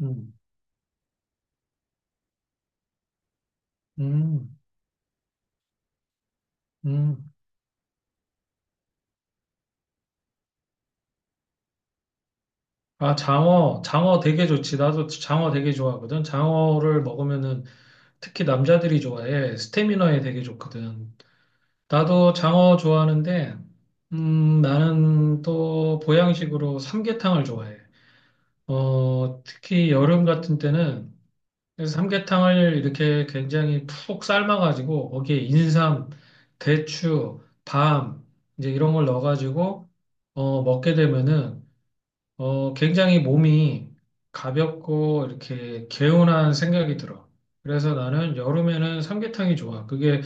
음, 음, 음. 아, 장어, 장어 되게 좋지. 나도 장어 되게 좋아하거든. 장어를 먹으면은 특히 남자들이 좋아해. 스태미너에 되게 좋거든. 나도 장어 좋아하는데, 나는 또 보양식으로 삼계탕을 좋아해. 특히 여름 같은 때는 그래서 삼계탕을 이렇게 굉장히 푹 삶아가지고 거기에 인삼, 대추, 밤, 이제 이런 걸 넣어가지고 먹게 되면은 굉장히 몸이 가볍고 이렇게 개운한 생각이 들어. 그래서 나는 여름에는 삼계탕이 좋아. 그게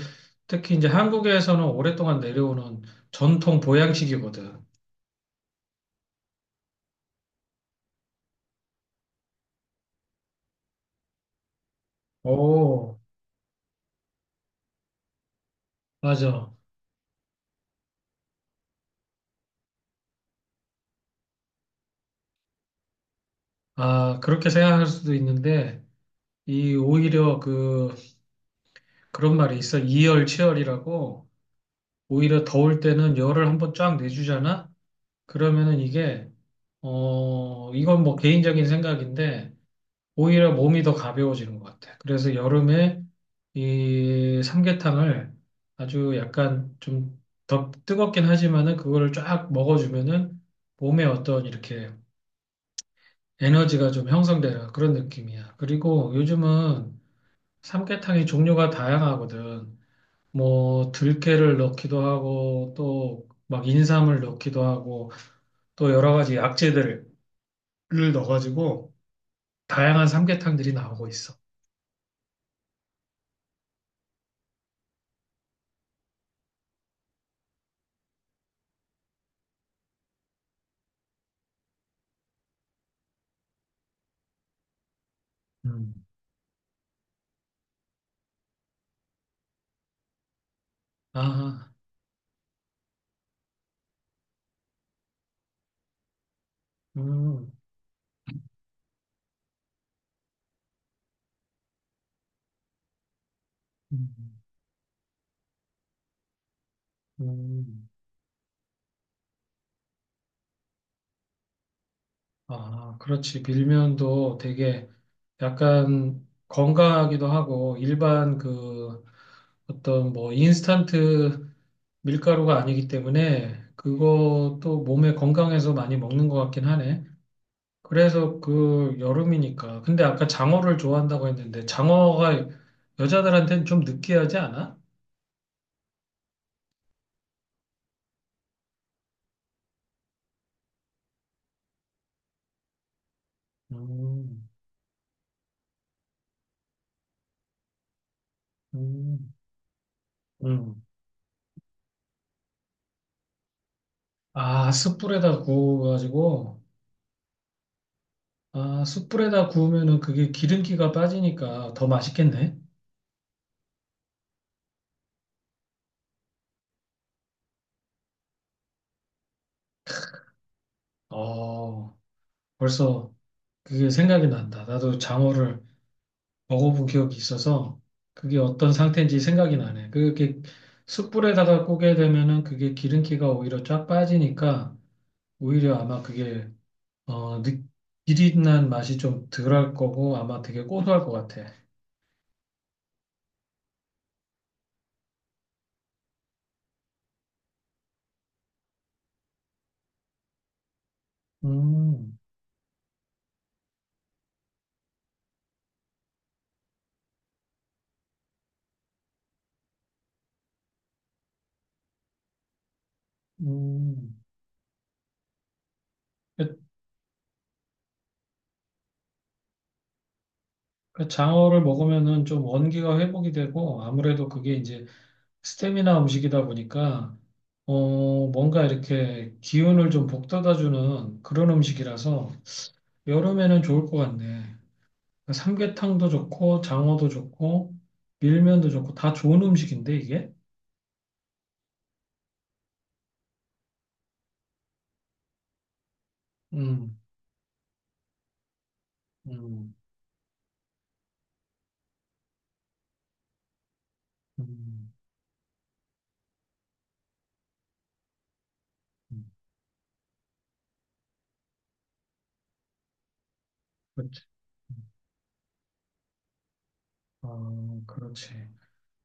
특히 이제 한국에서는 오랫동안 내려오는 전통 보양식이거든. 오, 맞아. 아, 그렇게 생각할 수도 있는데, 이 오히려 그런 말이 있어. 이열치열이라고, 오히려 더울 때는 열을 한번 쫙 내주잖아? 그러면은 이게, 이건 뭐 개인적인 생각인데, 오히려 몸이 더 가벼워지는 것 같아. 그래서 여름에 이 삼계탕을 아주 약간 좀 더 뜨겁긴 하지만은 그거를 쫙 먹어주면은 몸에 어떤 이렇게 에너지가 좀 형성되는 그런 느낌이야. 그리고 요즘은 삼계탕이 종류가 다양하거든. 뭐 들깨를 넣기도 하고 또 막 인삼을 넣기도 하고 또 여러 가지 약재들을 넣어가지고 다양한 삼계탕들이 나오고 있어. 음. 아. 음, 음. 음. 아, 그렇지. 밀면도 되게 약간 건강하기도 하고 일반 그 어떤 뭐 인스턴트 밀가루가 아니기 때문에 그것도 몸에 건강해서 많이 먹는 것 같긴 하네. 그래서 그 여름이니까. 근데 아까 장어를 좋아한다고 했는데 장어가 여자들한테는 좀 느끼하지 않아? 음, 음, 음. 아, 숯불에다 구워가지고. 아, 숯불에다 구우면은 그게 기름기가 빠지니까 더 맛있겠네. 어, 벌써 그게 생각이 난다. 나도 장어를 먹어본 기억이 있어서 그게 어떤 상태인지 생각이 나네. 그게 숯불에다가 구게 되면은 그게 기름기가 오히려 쫙 빠지니까 오히려 아마 그게 어, 느- 비릿한 맛이 좀 덜할 거고 아마 되게 고소할 것 같아. 음, 음. 그- 그 장어를 먹으면은 좀 원기가 회복이 되고 아무래도 그게 이제 스테미나 음식이다 보니까 뭔가 이렇게 기운을 좀 북돋아주는 그런 음식이라서 여름에는 좋을 것 같네. 그러니까 삼계탕도 좋고 장어도 좋고 밀면도 좋고 다 좋은 음식인데 이게? 음, 음, 음, 음, 그렇지. 어, 그렇지.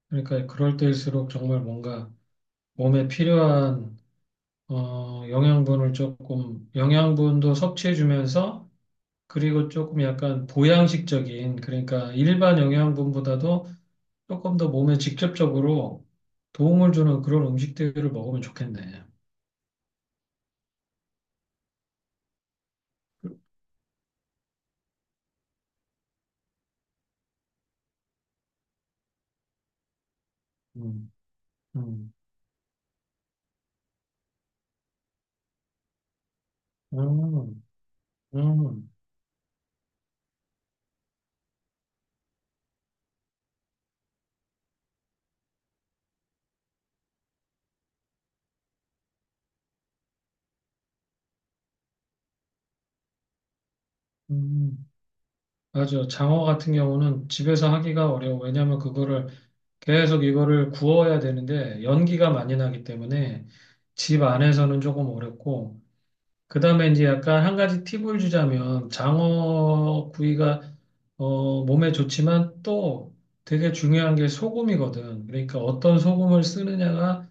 그러니까 그럴 때일수록 정말 뭔가 몸에 필요한 영양분을 조금 영양분도 섭취해주면서 그리고 조금 약간 보양식적인, 그러니까 일반 영양분보다도 조금 더 몸에 직접적으로 도움을 주는 그런 음식들을 먹으면 좋겠네. 음, 음, 음, 음, 음. 맞아. 장어 같은 경우는 집에서 하기가 어려워. 왜냐하면 그거를 계속 이거를 구워야 되는데 연기가 많이 나기 때문에 집 안에서는 조금 어렵고 그 다음에 이제 약간 한 가지 팁을 주자면 장어 구이가 몸에 좋지만 또 되게 중요한 게 소금이거든. 그러니까 어떤 소금을 쓰느냐가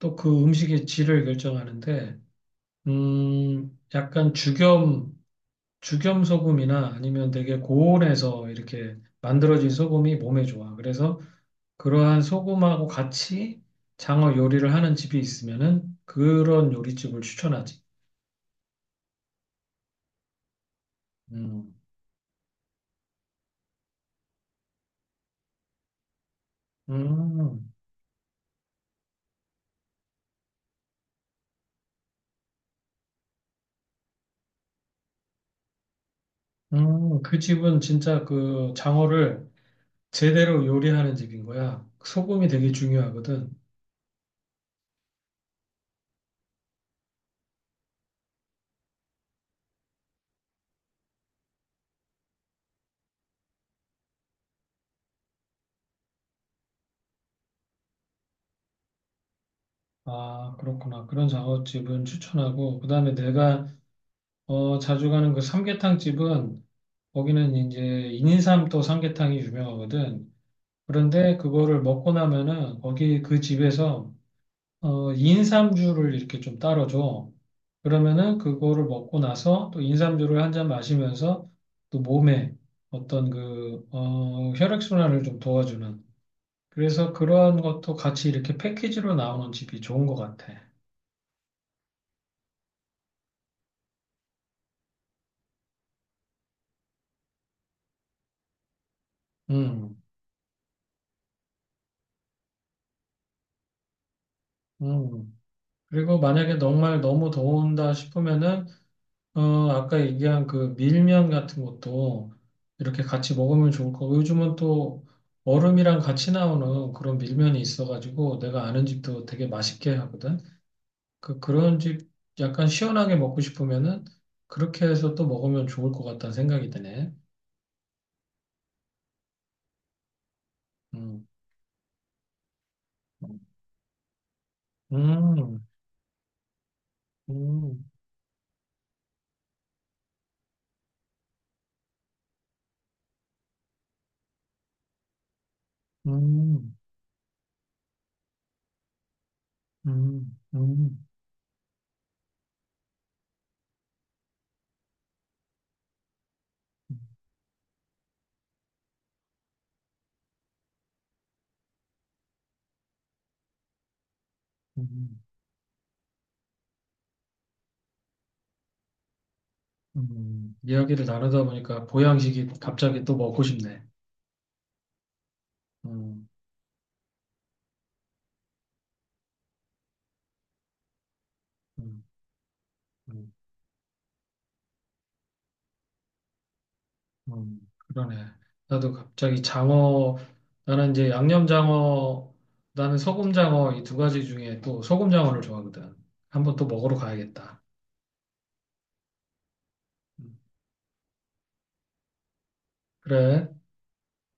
또 그 음식의 질을 결정하는데, 약간 죽염, 죽염 소금이나 아니면 되게 고온에서 이렇게 만들어진 소금이 몸에 좋아. 그래서 그러한 소금하고 같이 장어 요리를 하는 집이 있으면은 그런 요리집을 추천하지. 음. 음. 그 집은 진짜 그 장어를 제대로 요리하는 집인 거야. 소금이 되게 중요하거든. 아, 그렇구나. 그런 장어집은 추천하고, 그 다음에 내가, 자주 가는 그 삼계탕 집은, 거기는 이제 인삼도 삼계탕이 유명하거든. 그런데 그거를 먹고 나면은, 거기 그 집에서 인삼주를 이렇게 좀 따라줘. 그러면은 그거를 먹고 나서 또 인삼주를 한 잔 마시면서 또 몸에 어떤 혈액순환을 좀 도와주는. 그래서 그러한 것도 같이 이렇게 패키지로 나오는 집이 좋은 것 같아. 음, 음. 그리고 만약에 정말 너무 더운다 싶으면은 어, 아까 얘기한 그 밀면 같은 것도 이렇게 같이 먹으면 좋을 거고 요즘은 또 얼음이랑 같이 나오는 그런 밀면이 있어가지고 내가 아는 집도 되게 맛있게 하거든. 그 그런 집 약간 시원하게 먹고 싶으면은 그렇게 해서 또 먹으면 좋을 것 같다는 생각이 드네. 음, 음, 음, 음, 음, 음, 음, 음. 음. 이야기를 나누다 보니까 보양식이 갑자기 또 먹고 싶네. 음, 음, 음. 음, 그러네. 나도 갑자기 장어, 나는 이제 양념장어, 나는 소금장어 이 두 가지 중에 또 소금장어를 좋아하거든. 한번 또 먹으러 가야겠다. 음, 그래.